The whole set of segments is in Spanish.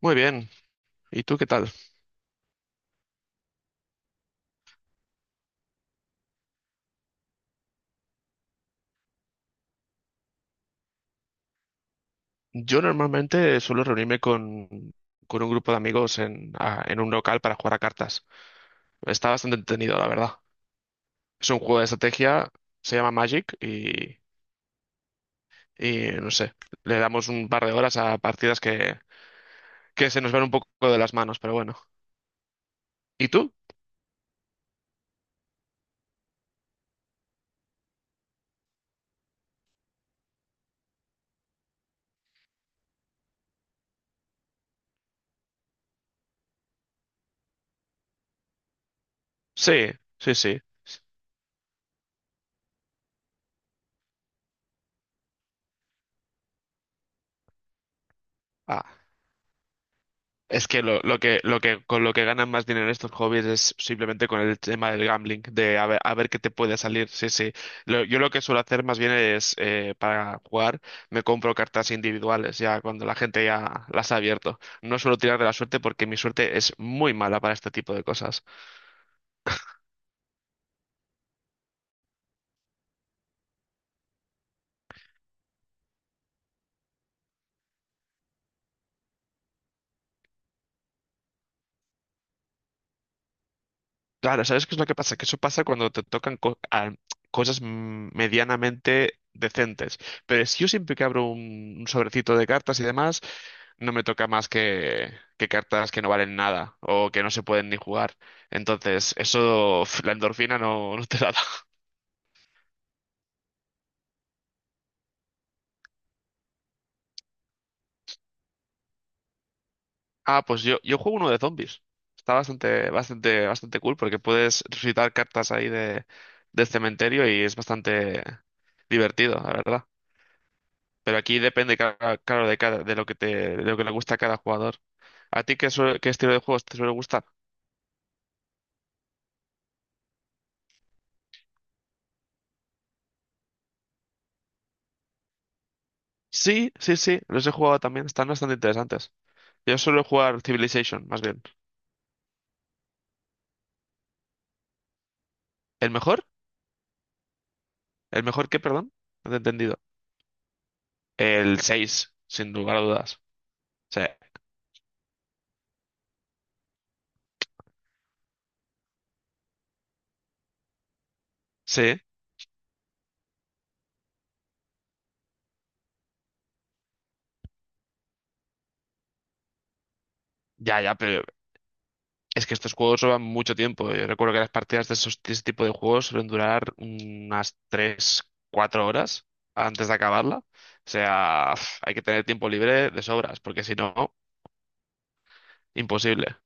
Muy bien, ¿y tú qué tal? Yo normalmente suelo reunirme con un grupo de amigos en un local para jugar a cartas. Está bastante entretenido, la verdad. Es un juego de estrategia, se llama Magic y, no sé, le damos un par de horas a partidas que se nos van un poco de las manos, pero bueno. ¿Y tú? Sí, sí, sí. Ah. Es que lo que con lo que ganan más dinero estos hobbies es simplemente con el tema del gambling, de a ver qué te puede salir. Sí, sí. Yo lo que suelo hacer más bien es para jugar me compro cartas individuales ya cuando la gente ya las ha abierto. No suelo tirar de la suerte porque mi suerte es muy mala para este tipo de cosas. Claro, ¿sabes qué es lo que pasa? Que eso pasa cuando te tocan cosas medianamente decentes. Pero si yo siempre que abro un sobrecito de cartas y demás, no me toca más que cartas que no valen nada o que no se pueden ni jugar. Entonces, eso, la endorfina no te la da. Ah, pues yo juego uno de zombies. Está bastante, bastante, bastante cool porque puedes resucitar cartas ahí de, del cementerio y es bastante divertido, la verdad. Pero aquí depende, claro, de cada, de lo que te, de lo que le gusta a cada jugador. ¿A ti qué, qué estilo de juegos te suele gustar? Sí, sí, sí, los he jugado también, están bastante interesantes. Yo suelo jugar Civilization, más bien. ¿El mejor? ¿El mejor qué, perdón? No te he entendido. El 6 sin lugar a dudas. Sí, sí, ya, ya, pero es que estos juegos llevan mucho tiempo. Yo recuerdo que las partidas de esos, de ese tipo de juegos suelen durar unas 3, 4 horas antes de acabarla. O sea, uf, hay que tener tiempo libre de sobras, porque si no, imposible.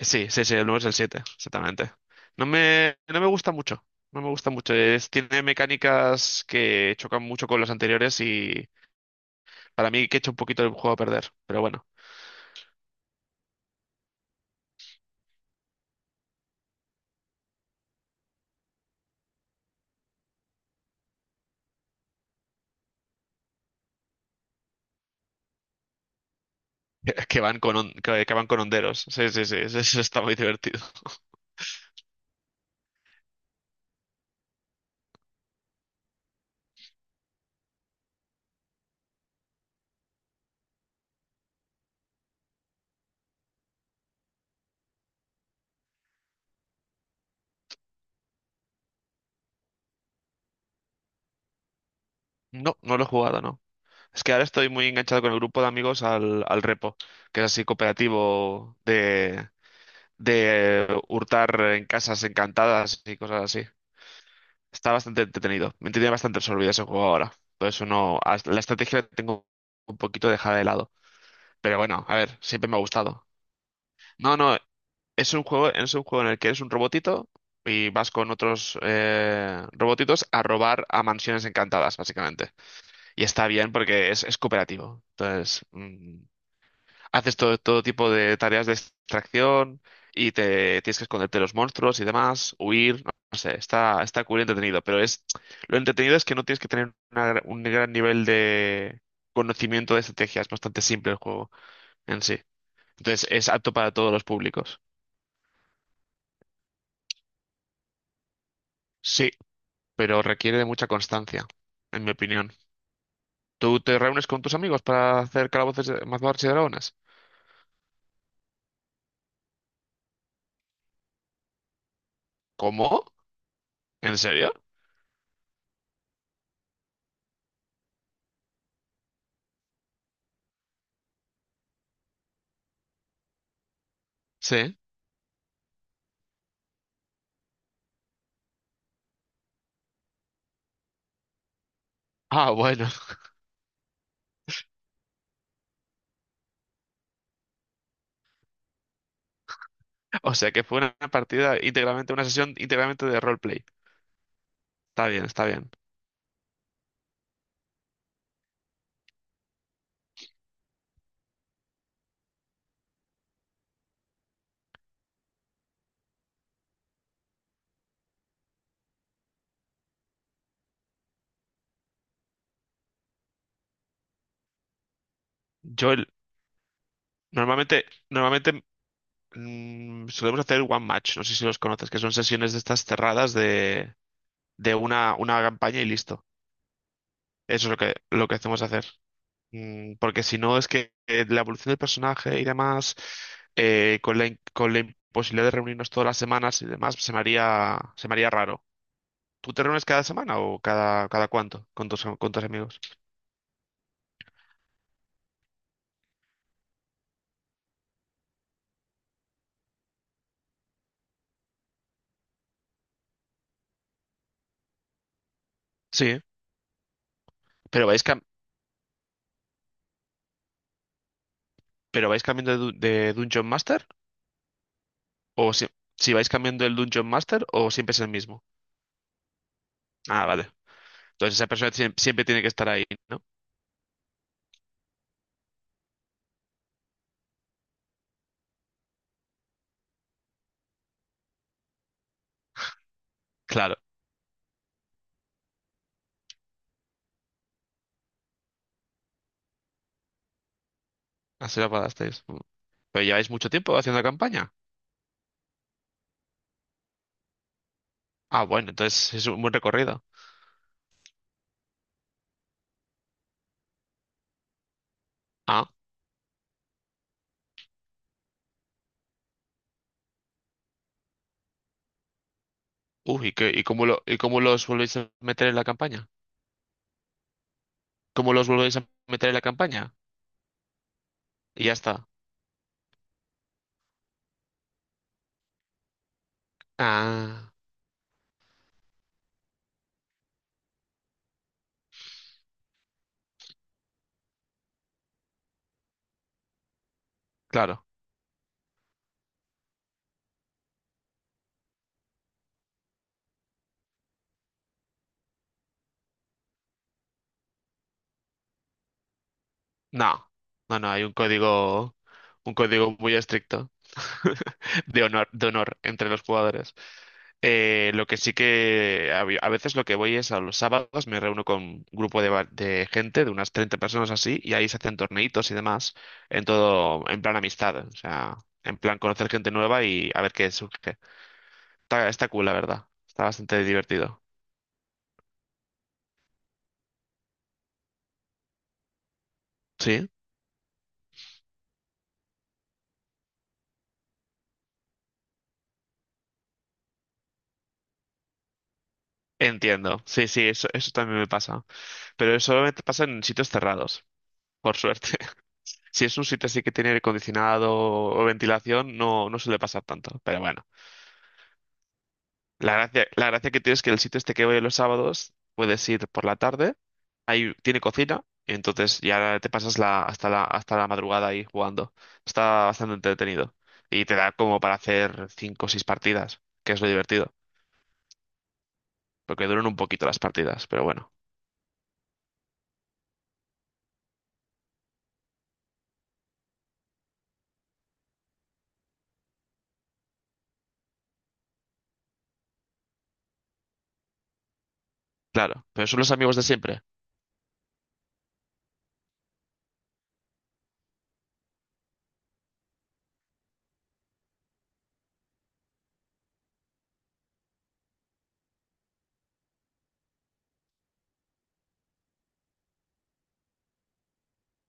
Sí, sí, sí, el 9 es el 7, exactamente. No me gusta mucho. No me gusta mucho. Tiene mecánicas que chocan mucho con los anteriores y para mí que echa un poquito el juego a perder. Pero bueno. Que van que van con honderos. Sí, sí, sí, sí, eso está muy divertido. No, no lo he jugado, no. Es que ahora estoy muy enganchado con el grupo de amigos al Repo, que es así cooperativo de hurtar en casas encantadas y cosas así. Está bastante entretenido. Me tiene bastante absorbido ese juego ahora. Por eso no. La estrategia la tengo un poquito dejada de lado. Pero bueno, a ver, siempre me ha gustado. No, no, es un juego en el que eres un robotito y vas con otros robotitos a robar a mansiones encantadas, básicamente. Y está bien porque es cooperativo. Entonces, haces todo tipo de tareas de extracción y te tienes que esconderte de los monstruos y demás, huir, no, no sé, está cool y entretenido. Pero es, lo entretenido es que no tienes que tener un gran nivel de conocimiento de estrategia. Es bastante simple el juego en sí. Entonces, es apto para todos los públicos. Sí, pero requiere de mucha constancia, en mi opinión. ¿Tú te reúnes con tus amigos para hacer calabozos, mazmorras y dragones? ¿Cómo? ¿En serio? Sí. Ah, bueno. O sea que fue una partida íntegramente, una sesión íntegramente de roleplay. Está bien, está bien. Yo el- normalmente, normalmente solemos hacer one match, no sé si los conoces, que son sesiones de estas cerradas de una campaña y listo. Eso es lo que, hacemos hacer. Porque si no, es que la evolución del personaje y demás, con la imposibilidad de reunirnos todas las semanas y demás, se me haría raro. ¿Tú te reúnes cada semana o cada cuánto con tus amigos? Sí. ¿Pero vais, cam- pero vais cambiando de Dungeon Master? ¿O si vais cambiando el Dungeon Master o siempre es el mismo? Ah, vale. Entonces esa persona siempre, tiene que estar ahí, ¿no? Claro, así lo acordasteis. Mm. ¿Pero lleváis mucho tiempo haciendo la campaña? Ah, bueno, entonces es un buen recorrido. Uy, ¿y y cómo los volvéis a meter en la campaña? ¿Cómo los volvéis a meter en la campaña? Y ya está. Ah, claro. No, no, no, hay un código muy estricto de honor entre los jugadores. Lo que sí que a veces lo que voy es a los sábados, me reúno con un grupo de gente, de unas 30 personas así, y ahí se hacen torneitos y demás, en todo, en plan amistad, o sea, en plan conocer gente nueva y a ver qué surge. Está cool, la verdad. Está bastante divertido. Sí, entiendo. Sí, sí, eso también me pasa. Pero eso solamente pasa en sitios cerrados, por suerte. Si es un sitio así que tiene aire acondicionado o ventilación, no, no suele pasar tanto. Pero bueno, la gracia que tiene es que el sitio este que voy los sábados, puedes ir por la tarde, ahí tiene cocina, y entonces ya te pasas hasta la madrugada ahí jugando. Está bastante entretenido. Y te da como para hacer cinco o seis partidas, que es lo divertido. Porque duran un poquito las partidas, pero bueno, claro, pero son los amigos de siempre,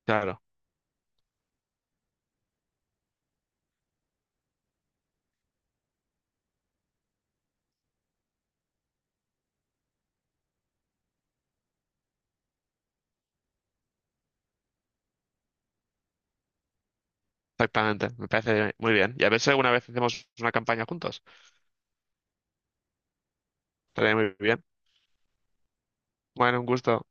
claro, exactamente, me parece muy bien. Y a ver si alguna vez hacemos una campaña juntos, estaría muy bien. Bueno, un gusto.